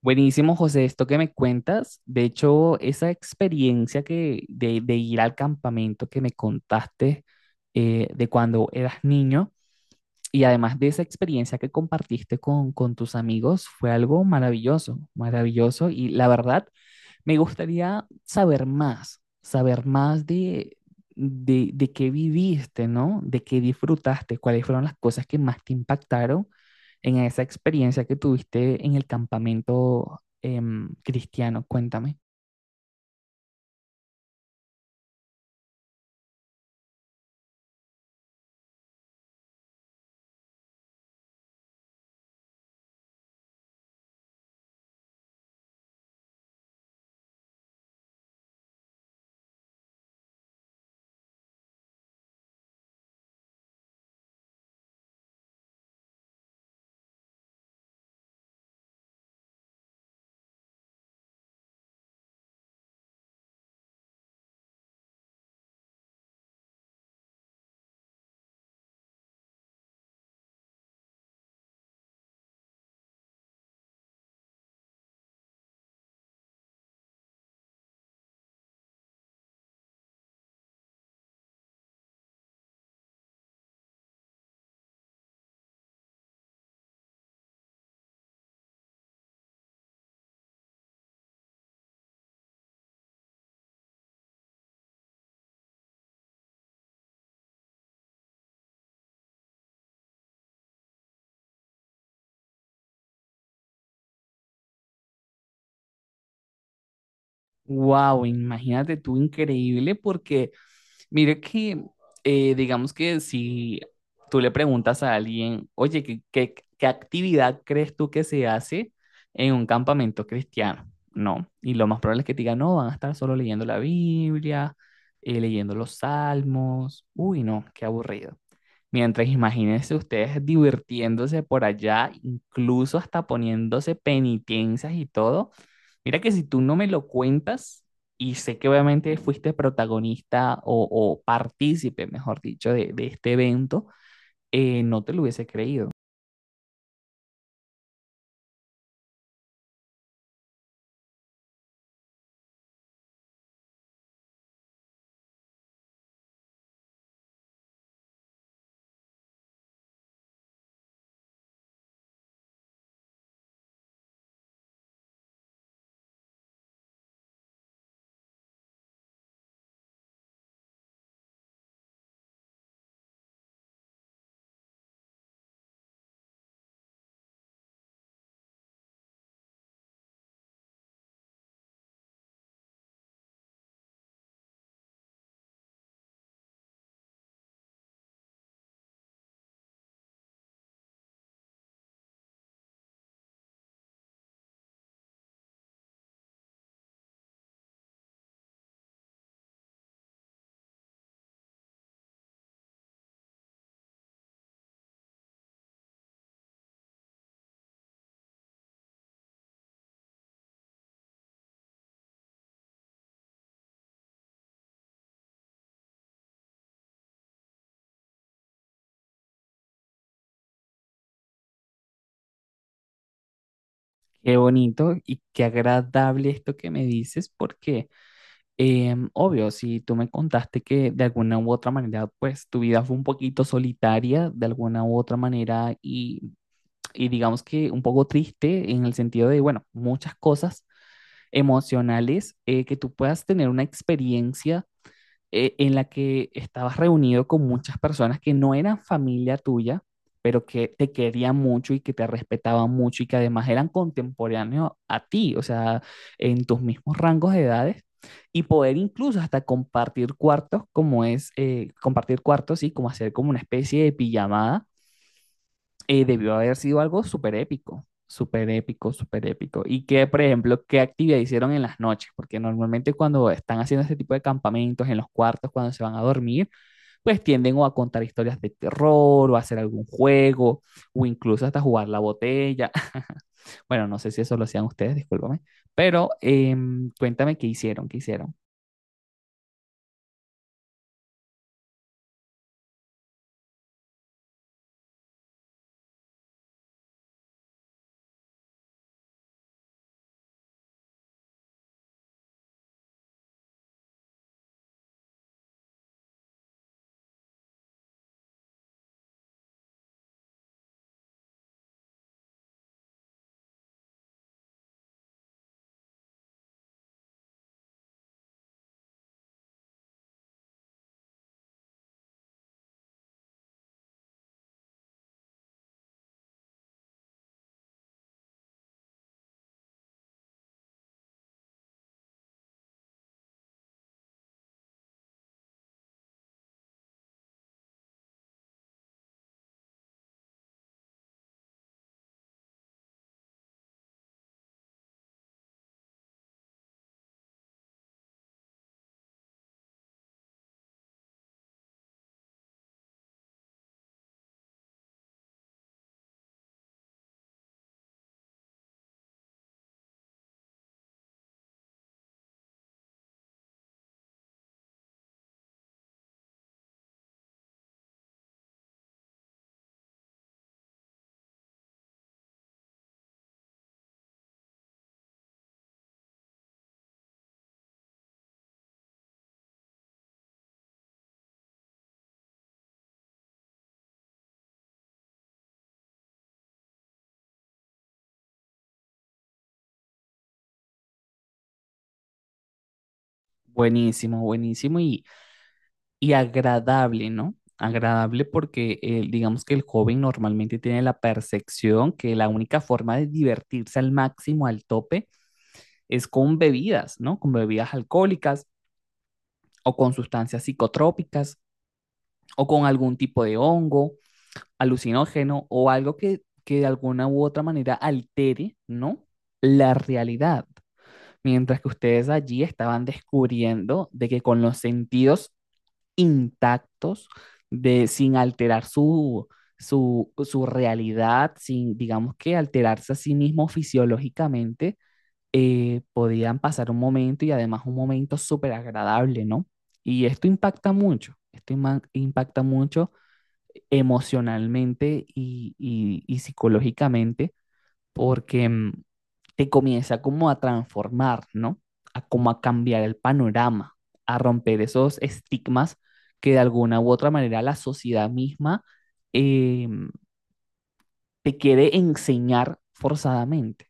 Buenísimo, José, esto que me cuentas. De hecho, esa experiencia de ir al campamento que me contaste, de cuando eras niño, y además de esa experiencia que compartiste con tus amigos fue algo maravilloso, maravilloso. Y la verdad, me gustaría saber más, de qué viviste, ¿no? De qué disfrutaste, cuáles fueron las cosas que más te impactaron en esa experiencia que tuviste en el campamento, cristiano, cuéntame. Wow, imagínate tú, increíble, porque mire digamos que si tú le preguntas a alguien, oye, ¿ qué actividad crees tú que se hace en un campamento cristiano? No, y lo más probable es que te digan, no, van a estar solo leyendo la Biblia, leyendo los salmos, uy, no, qué aburrido. Mientras imagínense ustedes divirtiéndose por allá, incluso hasta poniéndose penitencias y todo. Mira que si tú no me lo cuentas, y sé que obviamente fuiste protagonista o partícipe, mejor dicho, de este evento, no te lo hubiese creído. Qué bonito y qué agradable esto que me dices, porque obvio, si tú me contaste que de alguna u otra manera, pues tu vida fue un poquito solitaria, de alguna u otra manera, y digamos que un poco triste en el sentido de, bueno, muchas cosas emocionales, que tú puedas tener una experiencia, en la que estabas reunido con muchas personas que no eran familia tuya, pero que te querían mucho y que te respetaban mucho y que además eran contemporáneos a ti, o sea, en tus mismos rangos de edades y poder incluso hasta compartir cuartos como es, compartir cuartos y como hacer como una especie de pijamada. Debió haber sido algo súper épico, súper épico, súper épico. Y que, por ejemplo, qué actividad hicieron en las noches, porque normalmente cuando están haciendo este tipo de campamentos en los cuartos, cuando se van a dormir, pues tienden o a contar historias de terror, o a hacer algún juego, o incluso hasta jugar la botella. Bueno, no sé si eso lo hacían ustedes, discúlpame, pero cuéntame qué hicieron, qué hicieron. Buenísimo, buenísimo. Y agradable, ¿no? Agradable porque digamos que el joven normalmente tiene la percepción que la única forma de divertirse al máximo, al tope, es con bebidas, ¿no? Con bebidas alcohólicas o con sustancias psicotrópicas o con algún tipo de hongo, alucinógeno o algo que de alguna u otra manera altere, ¿no? La realidad. Mientras que ustedes allí estaban descubriendo de que con los sentidos intactos, sin alterar su realidad, sin, digamos que alterarse a sí mismo fisiológicamente, podían pasar un momento y además un momento súper agradable, ¿no? Y esto impacta mucho, impacta mucho emocionalmente y psicológicamente porque mm, te comienza como a transformar, ¿no? A como a cambiar el panorama, a romper esos estigmas que de alguna u otra manera la sociedad misma, eh, te quiere enseñar forzadamente.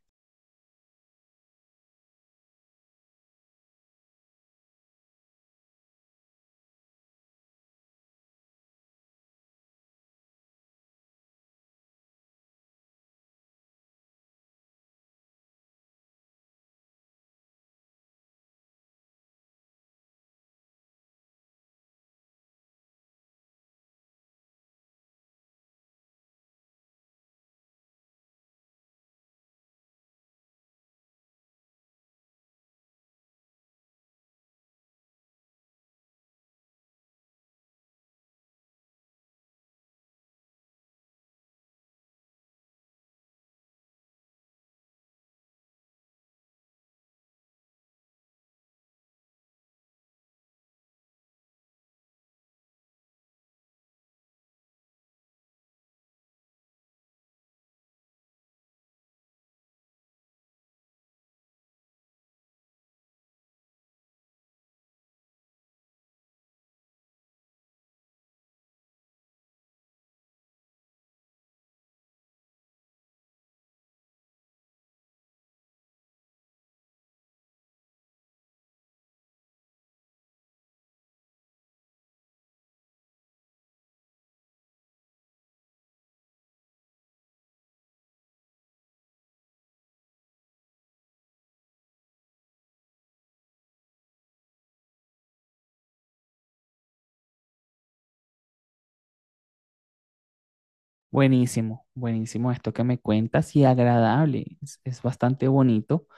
Buenísimo, buenísimo esto que me cuentas y agradable, es bastante bonito,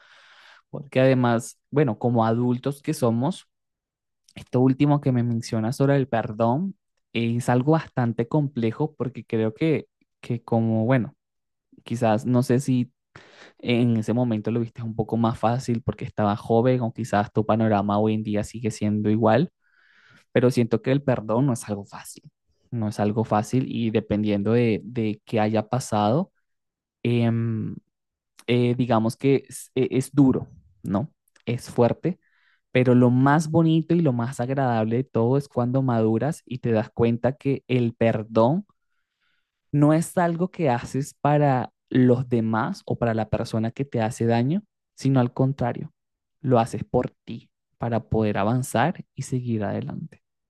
porque además, bueno, como adultos que somos, esto último que me mencionas sobre el perdón es algo bastante complejo porque creo que como, bueno, quizás no sé si en ese momento lo viste un poco más fácil porque estaba joven o quizás tu panorama hoy en día sigue siendo igual, pero siento que el perdón no es algo fácil, no es algo fácil y dependiendo de qué haya pasado, em, digamos que es duro, ¿no? Es fuerte, pero lo más bonito y lo más agradable de todo es cuando maduras y te das cuenta que el perdón no es algo que haces para los demás o para la persona que te hace daño, sino al contrario, lo haces por ti, para poder avanzar y seguir adelante.